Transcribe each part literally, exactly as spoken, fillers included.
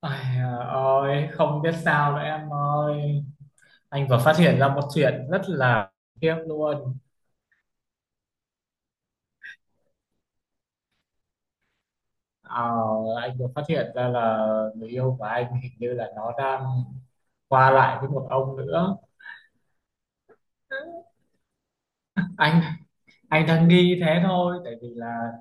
Ai à, ôi không biết sao nữa em ơi. Anh vừa phát hiện ra một chuyện rất là tiếc luôn. Ờ, anh vừa phát hiện ra là người yêu của anh hình như là nó đang qua lại với một ông nữa. Anh anh đang nghi thế thôi, tại vì là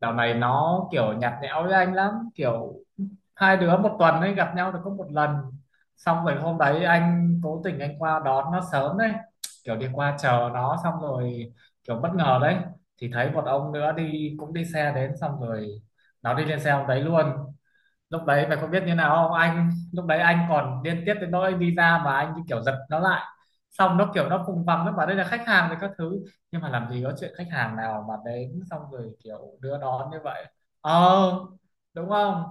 dạo này nó kiểu nhạt nhẽo với anh lắm, kiểu hai đứa một tuần ấy gặp nhau được có một lần. Xong rồi hôm đấy anh cố tình anh qua đón nó sớm đấy, kiểu đi qua chờ nó, xong rồi kiểu bất ngờ đấy thì thấy một ông nữa đi, cũng đi xe đến, xong rồi nó đi lên xe ông đấy luôn. Lúc đấy mày có biết như nào không? Anh lúc đấy anh còn điên tiết đến nỗi đi ra mà anh như kiểu giật nó lại, xong nó kiểu nó vùng vằng, nó bảo đây là khách hàng với các thứ. Nhưng mà làm gì có chuyện khách hàng nào mà đến xong rồi kiểu đưa đón như vậy. Ờ. Đúng không?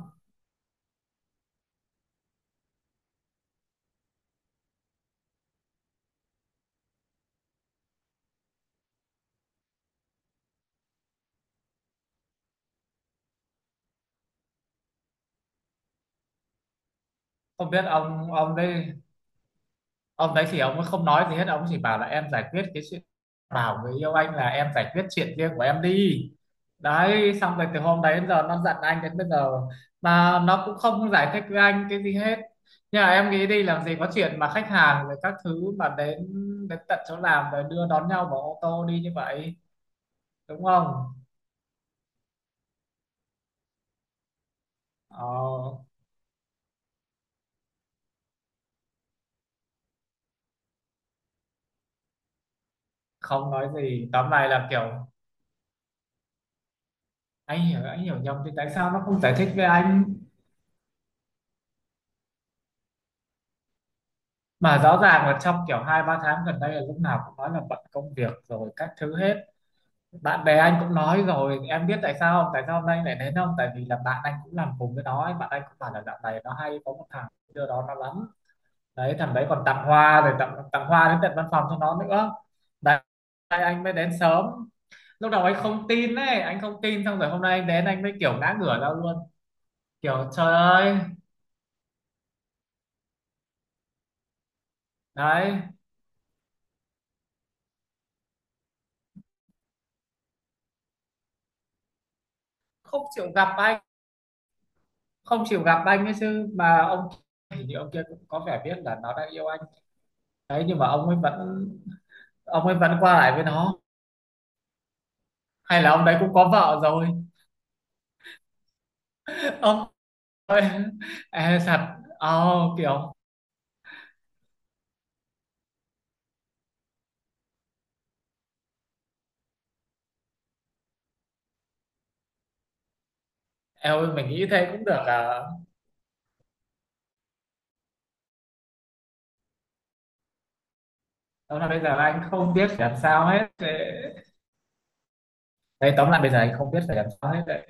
Không biết ông ông đấy, ông đấy thì ông không nói gì hết, ông chỉ bảo là em giải quyết cái chuyện, bảo người yêu anh là em giải quyết chuyện riêng của em đi. Đấy, xong rồi từ hôm đấy đến giờ nó giận anh đến bây giờ, mà nó cũng không giải thích với anh cái gì hết. Nhưng mà em nghĩ đi, làm gì có chuyện mà khách hàng rồi các thứ mà đến đến tận chỗ làm rồi đưa đón nhau bằng ô tô đi như vậy. Đúng không? Ờ, không nói gì. Tóm lại là kiểu anh hiểu anh hiểu nhầm thì tại sao nó không giải thích với anh. Mà rõ ràng là trong kiểu hai ba tháng gần đây là lúc nào cũng nói là bận công việc rồi các thứ hết. Bạn bè anh cũng nói rồi, em biết tại sao không, tại sao hôm nay lại đến không, tại vì là bạn anh cũng làm cùng với nó ấy. Bạn anh cũng bảo là dạo này nó hay có một thằng đưa đó nó lắm. Đấy, thằng đấy còn tặng hoa rồi tặng tặng hoa đến tận văn phòng cho nó nữa. Đấy, anh mới đến sớm, lúc đầu anh không tin ấy, anh không tin, xong rồi hôm nay anh đến anh mới kiểu ngã ngửa ra luôn, kiểu trời ơi. Đấy, không chịu gặp anh, không chịu gặp anh ấy chứ, mà ông, thì ông kia cũng có vẻ biết là nó đang yêu anh. Đấy, nhưng mà ông ấy vẫn, ông ấy vẫn qua lại với nó. Hay là ông đấy cũng có vợ rồi? Ông ơi, e thật oh, kiểu em ơi, mình nghĩ thế cũng được à? Tóm lại bây giờ anh không biết phải làm sao hết. Đấy, tóm lại bây giờ anh không biết phải làm sao hết đấy.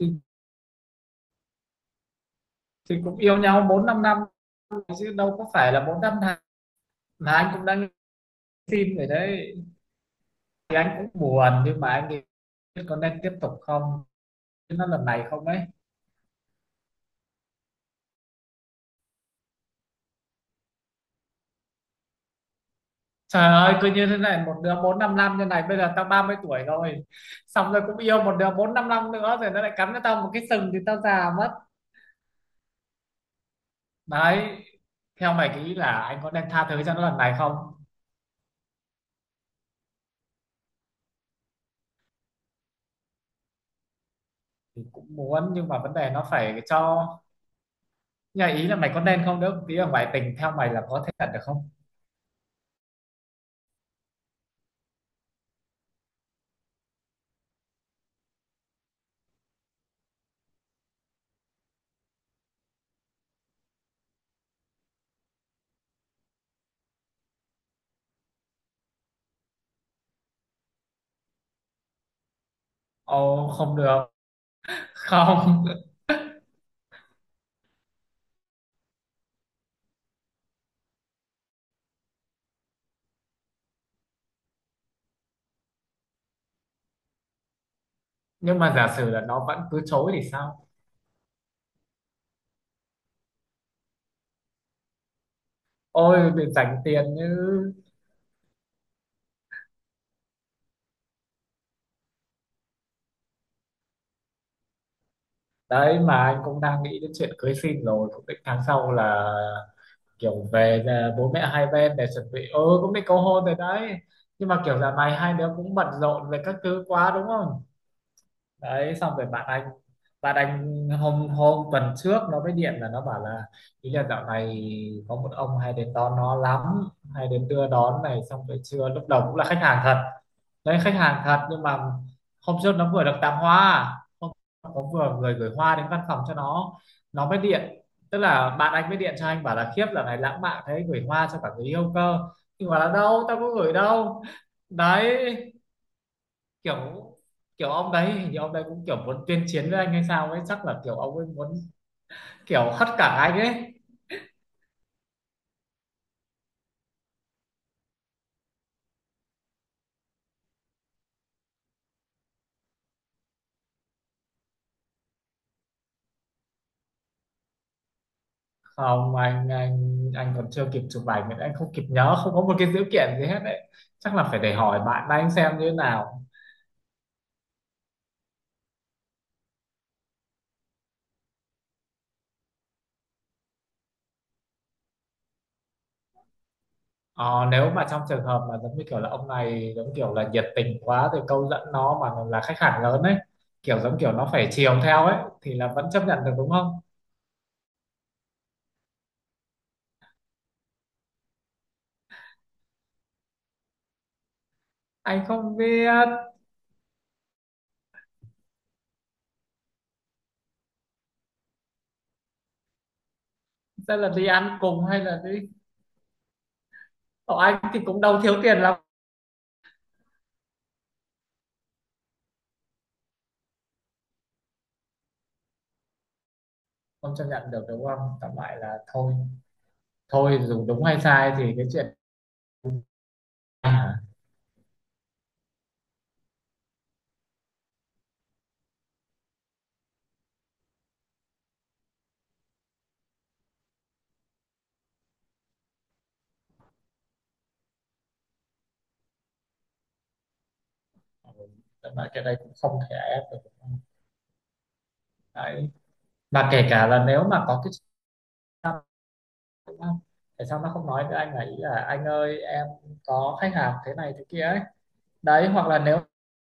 Thì, thì cũng yêu nhau bốn năm năm chứ đâu có phải là bốn năm tháng. Mà anh cũng đang xin rồi đấy, thì anh cũng buồn, nhưng mà anh thì biết có nên tiếp tục không. Nó lần này không ấy, trời ơi, cứ như thế này, một đứa bốn năm năm như này bây giờ tao ba mươi tuổi rồi, xong rồi cũng yêu một đứa bốn năm năm nữa rồi nó lại cắn cho tao một cái sừng thì tao già mất. Đấy, theo mày nghĩ là anh có nên tha thứ cho nó lần này không? Thì cũng muốn, nhưng mà vấn đề nó phải cho. Nhà ý là mày có nên không nữa, tí là ngoại tình theo mày là có thể thật được không? Ồ không được, không. Nhưng mà giả sử là nó vẫn cứ chối thì sao? Ôi để dành tiền chứ. Đấy, mà anh cũng đang nghĩ đến chuyện cưới xin rồi, cũng định tháng sau là kiểu về là bố mẹ hai bên để chuẩn bị, ừ cũng định cầu hôn rồi đấy. Nhưng mà kiểu dạo này hai đứa cũng bận rộn về các thứ quá. Đúng không? Đấy, xong rồi bạn anh, bạn anh hôm hôm tuần trước nó mới điện là nó bảo là, ý là dạo này có một ông hay đến đón nó lắm, hay đến đưa đón này, xong rồi trưa lúc đầu cũng là khách hàng thật. Đấy, khách hàng thật, nhưng mà hôm trước nó vừa được tặng hoa, hôm có vừa người gửi hoa đến văn phòng cho nó nó mới điện, tức là bạn anh mới điện cho anh bảo là, khiếp dạo này lãng mạn thế, gửi hoa cho cả người yêu cơ, nhưng mà là đâu tao có gửi đâu. Đấy, kiểu kiểu ông đấy hình như ông đấy cũng kiểu muốn tuyên chiến với anh hay sao ấy, chắc là kiểu ông ấy muốn kiểu hất cả anh ấy. Không, anh anh anh còn chưa kịp chụp ảnh nên anh không kịp nhớ, không có một cái dữ kiện gì hết đấy, chắc là phải để hỏi bạn anh xem như thế nào. Ờ, nếu mà trong trường hợp mà giống như kiểu là ông này giống kiểu là nhiệt tình quá rồi câu dẫn nó, mà là khách hàng lớn ấy, kiểu giống kiểu nó phải chiều theo ấy, thì là vẫn chấp nhận được. Đúng không? Anh không biết, sẽ là đi ăn cùng hay là đi, ở anh thì cũng đâu thiếu tiền lắm. Không chấp nhận được. Đúng không? Tóm lại là thôi, thôi dù đúng hay sai thì cái chuyện, à, tóm lại cái đây cũng không thể ai ép được. Đúng không? Đấy, mà kể cả là nếu mà có cái. Đúng không? Tại sao nó không nói với anh là, ý là anh ơi em có khách hàng thế này thế kia ấy. Đấy, hoặc là nếu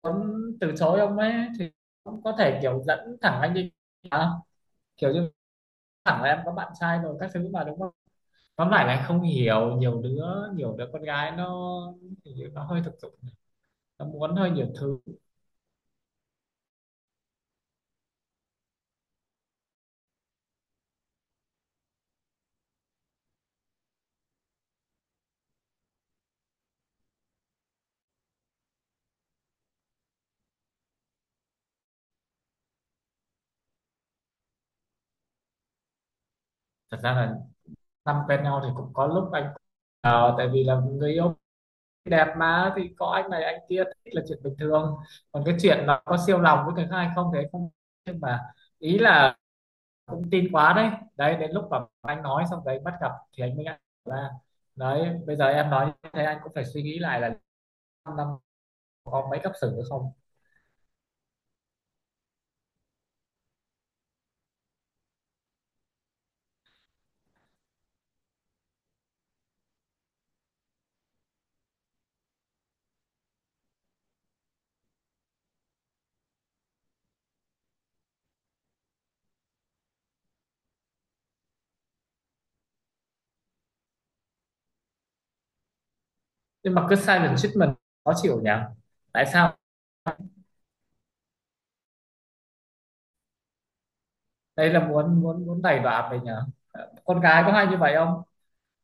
muốn từ chối ông ấy thì cũng có thể kiểu dẫn thẳng anh đi, à, kiểu như thẳng là em có bạn trai rồi các thứ mà. Đúng không? Tóm lại là anh không hiểu, nhiều đứa nhiều đứa con gái nó, hình nó hơi thực dụng, nó muốn hơi nhiều thứ. Thật ra là năm quen nhau thì cũng có lúc anh, ờ, tại vì là người yêu đẹp mà thì có anh này anh kia thích là chuyện bình thường. Còn cái chuyện là có siêu lòng với người khác hay không thì anh không, nhưng mà ý là cũng tin quá đấy. Đấy, đến lúc mà anh nói xong đấy bắt gặp thì anh mới ngại ra. Đấy, bây giờ em nói như thế anh cũng phải suy nghĩ lại là năm năm có mấy cấp xử nữa không. Nhưng mà cứ silent treatment khó chịu nhỉ. Tại sao đây là muốn muốn muốn đày đọa mình nhỉ? Con gái có hay như vậy không?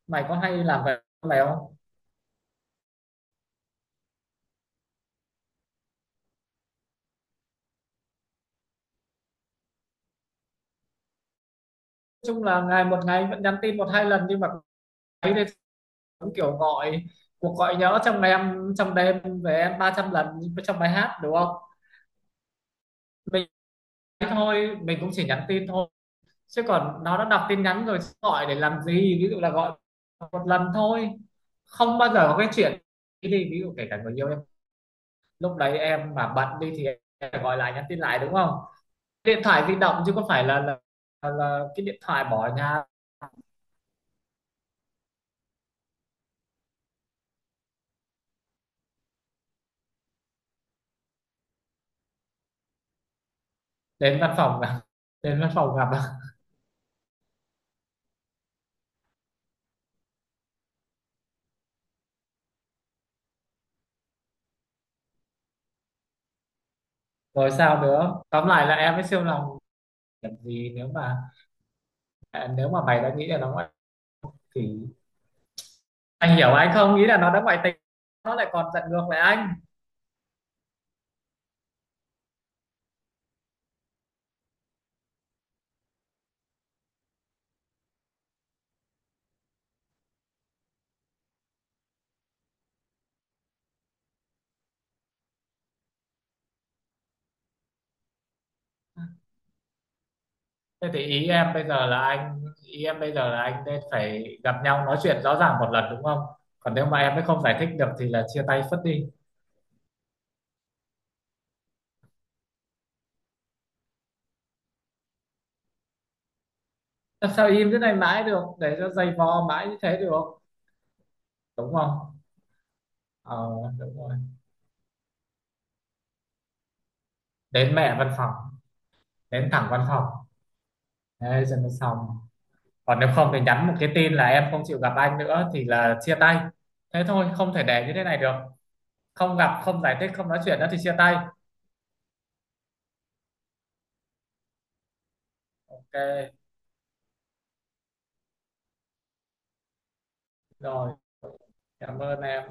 Mày có hay làm vậy? Mày không, nói chung là ngày một ngày vẫn nhắn tin một hai lần, nhưng mà ấy đây cũng kiểu gọi, cuộc gọi nhỡ trong ngày em, trong đêm về em ba trăm lần trong bài hát. Đúng không? mình Thôi mình cũng chỉ nhắn tin thôi, chứ còn nó đã đọc tin nhắn rồi gọi để làm gì. Ví dụ là gọi một lần thôi, không bao giờ có cái chuyện đi đi. Ví dụ kể cả người yêu em, lúc đấy em mà bận đi thì em phải gọi lại, nhắn tin lại. Đúng không? Điện thoại di động chứ có phải là là, là, là cái điện thoại bỏ ở nhà. Đến văn phòng gặp đến văn phòng gặp, rồi sao nữa, tóm lại là em mới siêu lòng làm gì, nếu mà, à, nếu mà mày đã nghĩ là nó ngoại thì anh hiểu, anh không nghĩ là nó đã ngoại tình. Nó lại còn giận ngược lại anh. Thế thì ý em bây giờ là anh ý em bây giờ là anh nên phải gặp nhau nói chuyện rõ ràng một lần. Đúng không? Còn nếu mà em mới không giải thích được thì là chia tay phất đi. Làm sao im thế này mãi được, để cho dày vò mãi như thế được. Đúng không? Ờ, đúng rồi. Đến mẹ văn phòng, đến thẳng văn phòng, thế cho nó xong. Còn nếu không thì nhắn một cái tin là em không chịu gặp anh nữa thì là chia tay. Thế thôi, không thể để như thế này được. Không gặp, không giải thích, không nói chuyện nữa thì chia tay. Ok rồi, cảm ơn em.